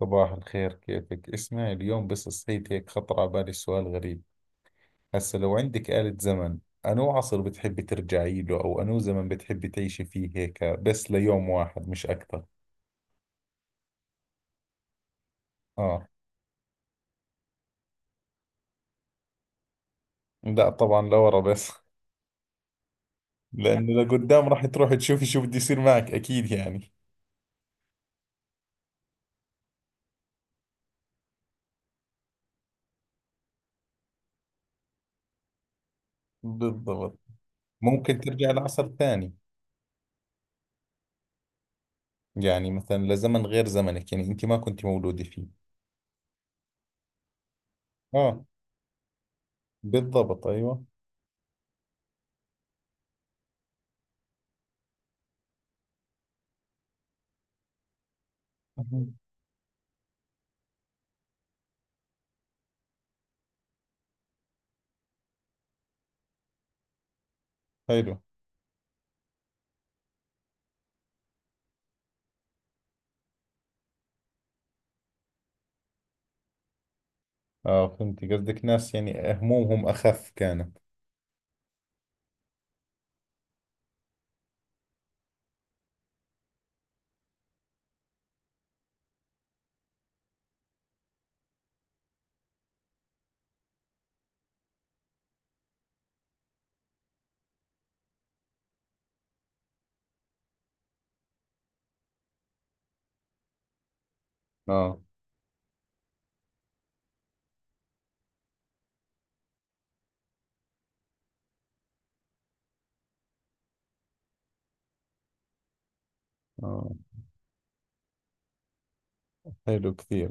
صباح الخير، كيفك؟ اسمعي، اليوم بس صحيت هيك خطر على بالي سؤال غريب. هسا لو عندك آلة زمن، أنو عصر بتحبي ترجعي له أو أنو زمن بتحبي تعيشي فيه هيك بس ليوم واحد مش أكثر؟ آه. لا طبعا لورا بس. لأنه لقدام راح تروح تشوفي شو بده يصير معك أكيد يعني. بالضبط. ممكن ترجع لعصر ثاني. يعني مثلا لزمن غير زمنك، يعني أنت ما كنت مولودة فيه. آه. بالضبط، أيوة. حلو. اه، فهمت قصدك، ناس يعني همومهم اخف كانت. اه، اه. حلو كثير.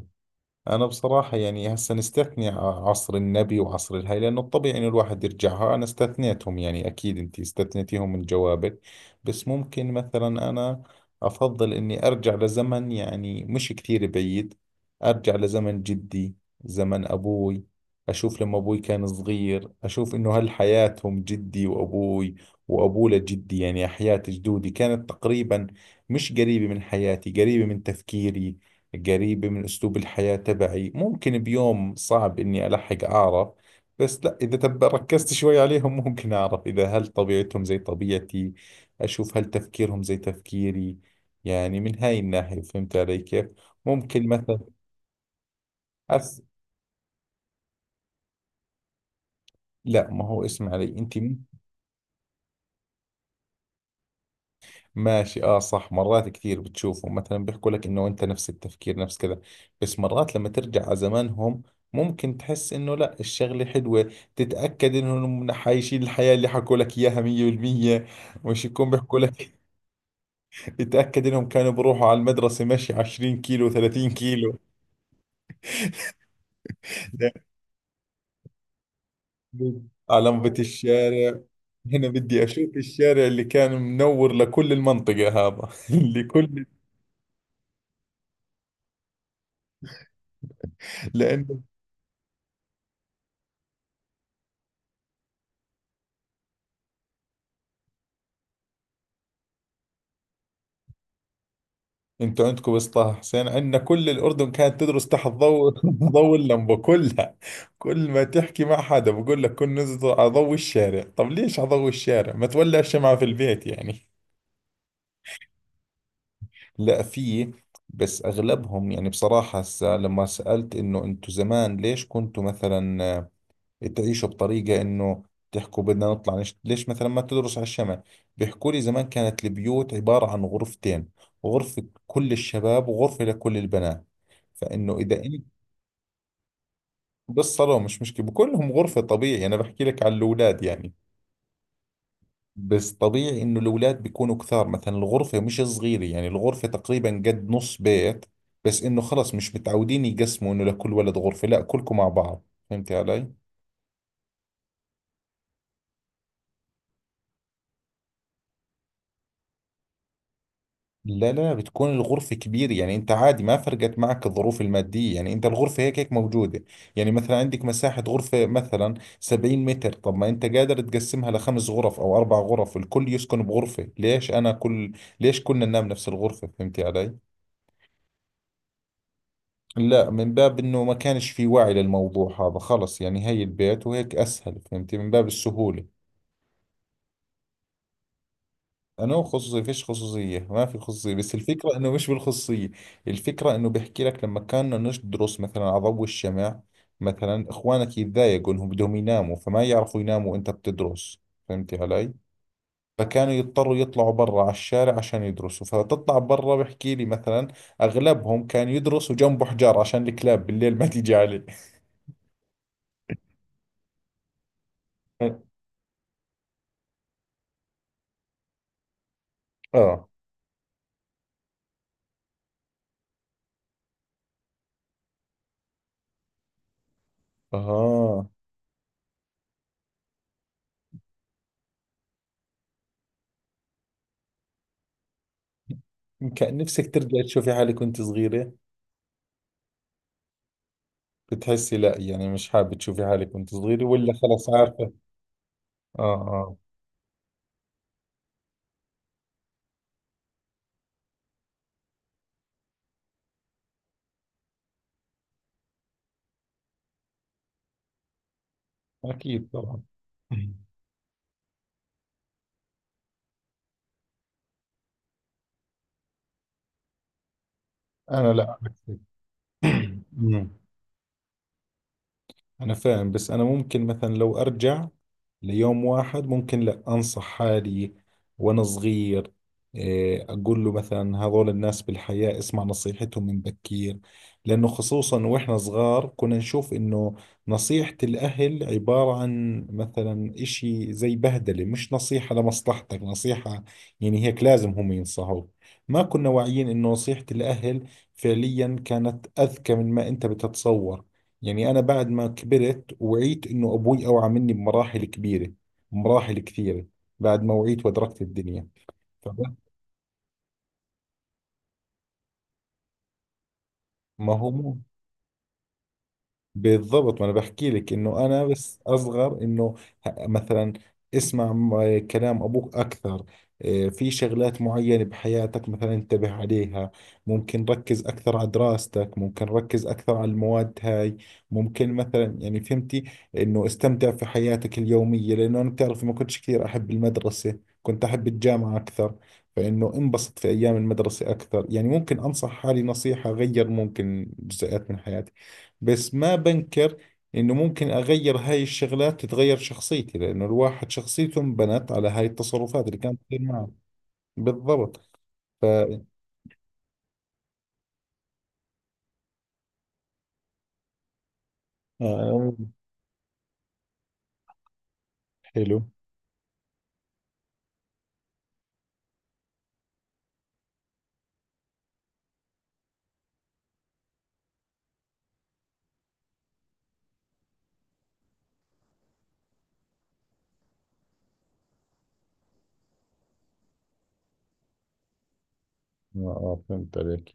أنا بصراحة يعني هسا نستثني عصر النبي وعصر الهي، لأنه الطبيعي إنه الواحد يرجعها، أنا استثنيتهم، يعني أكيد أنت استثنيتيهم من جوابك. بس ممكن مثلا أنا أفضل إني أرجع لزمن يعني مش كثير بعيد. أرجع لزمن جدي، زمن أبوي. أشوف لما أبوي كان صغير، أشوف إنه هل حياتهم جدي وأبوي وأبوه لجدي، يعني حياة جدودي كانت تقريبا مش قريبة من حياتي، قريبة من تفكيري، قريبة من أسلوب الحياة تبعي. ممكن بيوم صعب إني ألحق أعرف، بس لا، إذا تب ركزت شوي عليهم ممكن أعرف إذا هل طبيعتهم زي طبيعتي، أشوف هل تفكيرهم زي تفكيري. يعني من هاي الناحية فهمت علي كيف. ممكن مثلا أس... لا ما هو اسمع علي أنت. ماشي، اه صح، مرات كثير بتشوفهم مثلا بيحكوا لك انه انت نفس التفكير، نفس كذا. بس مرات لما ترجع على زمانهم ممكن تحس انه لا الشغلة حلوة. تتأكد انهم حايشين الحياة اللي حكوا لك اياها 100%، مش يكون بيحكوا لك. تتأكد انهم كانوا بروحوا على المدرسة مشي 20 كيلو، 30 كيلو. على لمبة الشارع. هنا بدي أشوف الشارع اللي كان منور لكل المنطقة هذا، لكل. لأنه انتوا عندكم بس طه حسين، عندنا كل الاردن كانت تدرس تحت ضوء ضوء اللمبه كلها. كل ما تحكي مع حدا بقول لك كن نزل على ضوء الشارع. طب ليش على ضوء الشارع؟ ما تولع الشمعة في البيت يعني. لا، في، بس اغلبهم. يعني بصراحه هسه لما سالت انه انتوا زمان ليش كنتوا مثلا تعيشوا بطريقة إنه تحكوا بدنا نطلع ليش مثلا ما تدرس على الشمال، بيحكوا لي زمان كانت البيوت عبارة عن غرفتين، غرفة كل الشباب وغرفة لكل البنات. فإنه إذا أنت بالصالون مش مشكلة بكلهم غرفة طبيعي. أنا بحكي لك على الأولاد يعني. بس طبيعي إنه الأولاد بيكونوا كثار، مثلا الغرفة مش صغيرة، يعني الغرفة تقريبا قد نص بيت، بس إنه خلص مش متعودين يقسموا إنه لكل ولد غرفة، لا كلكم مع بعض. فهمت علي؟ لا لا، بتكون الغرفة كبيرة، يعني انت عادي، ما فرقت معك الظروف المادية، يعني انت الغرفة هيك هيك موجودة. يعني مثلا عندك مساحة غرفة مثلا 70 متر، طب ما انت قادر تقسمها لخمس غرف او اربع غرف، الكل يسكن بغرفة. ليش انا كل، ليش كلنا ننام نفس الغرفة؟ فهمتي علي؟ لا، من باب انه ما كانش في وعي للموضوع هذا، خلص يعني هي البيت وهيك اسهل، فهمتي، من باب السهولة. انا خصوصي فيش خصوصيه، ما في خصوصيه، بس الفكره انه مش بالخصوصيه. الفكره انه بحكي لك لما كنا ندرس مثلا على ضوء الشمع، مثلا اخوانك يتضايقوا انهم بدهم يناموا فما يعرفوا يناموا وانت بتدرس. فهمتي علي؟ فكانوا يضطروا يطلعوا برا على الشارع عشان يدرسوا، فتطلع برا بحكي لي مثلا اغلبهم كان يدرسوا جنبه حجار عشان الكلاب بالليل ما تيجي عليه. اه، اه. كان نفسك ترجع تشوفي حالك وانت صغيرة؟ بتحسي لا، يعني مش حابة تشوفي حالك وانت صغيرة، ولا خلص عارفة؟ اه، اه. اكيد طبعا. انا لا، عكسك. أمم. أنا فاهم، بس أنا ممكن مثلا لو أرجع ليوم واحد ممكن لا أنصح حالي وأنا صغير. إيه، أقول له مثلا هذول الناس بالحياة اسمع نصيحتهم من بكير. لأنه خصوصا وإحنا صغار كنا نشوف إنه نصيحة الأهل عبارة عن مثلا إشي زي بهدلة، مش نصيحة لمصلحتك نصيحة، يعني هيك لازم هم ينصحوك. ما كنا واعيين إنه نصيحة الأهل فعليا كانت أذكى من ما أنت بتتصور. يعني أنا بعد ما كبرت وعيت إنه أبوي أوعى مني بمراحل كبيرة، بمراحل كثيرة، بعد ما وعيت وأدركت الدنيا. فما هو بالضبط، ما انا بحكي لك انه انا بس اصغر انه مثلا اسمع كلام ابوك اكثر. إيه، في شغلات معينة بحياتك مثلا انتبه عليها. ممكن ركز اكثر على دراستك، ممكن ركز اكثر على المواد هاي، ممكن مثلا يعني فهمتي انه استمتع في حياتك اليومية. لانه انا بتعرفي ما كنتش كثير احب المدرسة، كنت احب الجامعة اكثر. فانه انبسط في ايام المدرسة اكثر. يعني ممكن انصح حالي نصيحة غير، ممكن جزئيات من حياتي، بس ما بنكر انه ممكن اغير هاي الشغلات تتغير شخصيتي، لانه الواحد شخصيته انبنت على هاي التصرفات اللي كانت تصير معه. بالضبط. ف آه، حلو. اه، آه، فهمت عليك.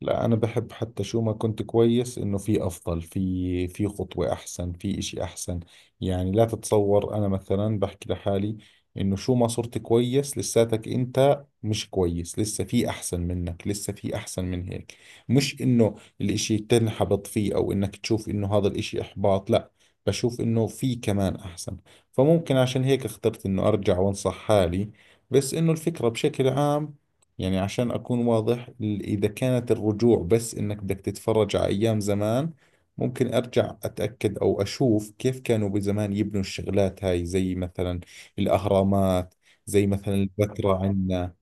لا انا بحب حتى شو ما كنت كويس انه في افضل، في في خطوة احسن، في اشي احسن. يعني لا تتصور انا مثلا بحكي لحالي انه شو ما صرت كويس لساتك انت مش كويس، لسه في احسن منك، لسه في احسن من هيك. مش انه الاشي تنحبط فيه او انك تشوف انه هذا الاشي احباط، لا، بشوف انه في كمان احسن. فممكن عشان هيك اخترت انه ارجع وانصح حالي. بس انه الفكرة بشكل عام، يعني عشان أكون واضح، إذا كانت الرجوع بس إنك بدك تتفرج على أيام زمان، ممكن أرجع أتأكد أو أشوف كيف كانوا بزمان يبنوا الشغلات هاي، زي مثلا الأهرامات، زي مثلا البتراء عندنا.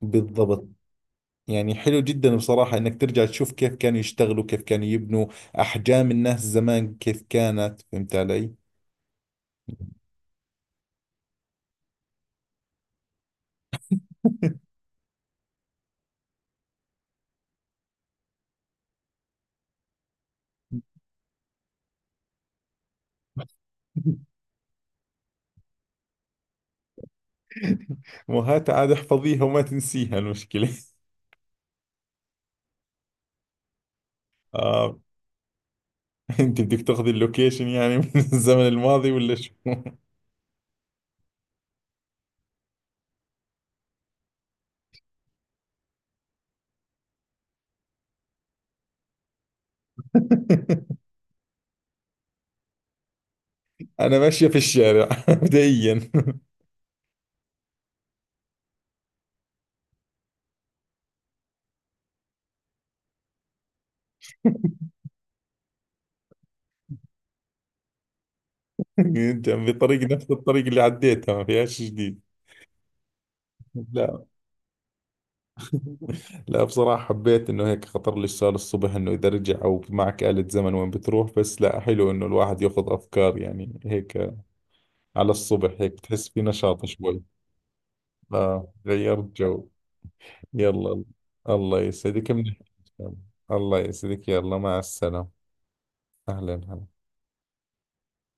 بالضبط. يعني حلو جدا بصراحة إنك ترجع تشوف كيف كانوا يشتغلوا، كيف كانوا يبنوا، أحجام الناس زمان كيف كانت، فهمت علي؟ وهات عاد احفظيها وما تنسيها المشكلة. آه. انت بدك تاخذي اللوكيشن يعني من الزمن الماضي ولا شو؟ انا ماشية في الشارع بدئيا. انت عم بطريق نفس الطريق اللي عديتها ما فيهاش جديد. لا لا، بصراحة حبيت انه هيك خطر لي السؤال الصبح انه اذا رجع او معك آلة زمن وين بتروح. بس لا حلو انه الواحد ياخذ افكار يعني هيك على الصبح، هيك بتحس في نشاط شوي. اه، غيرت جو. يلا، الله يسعدك، منيح. الله يسعدك، يلا مع السلامة. اهلا هلا.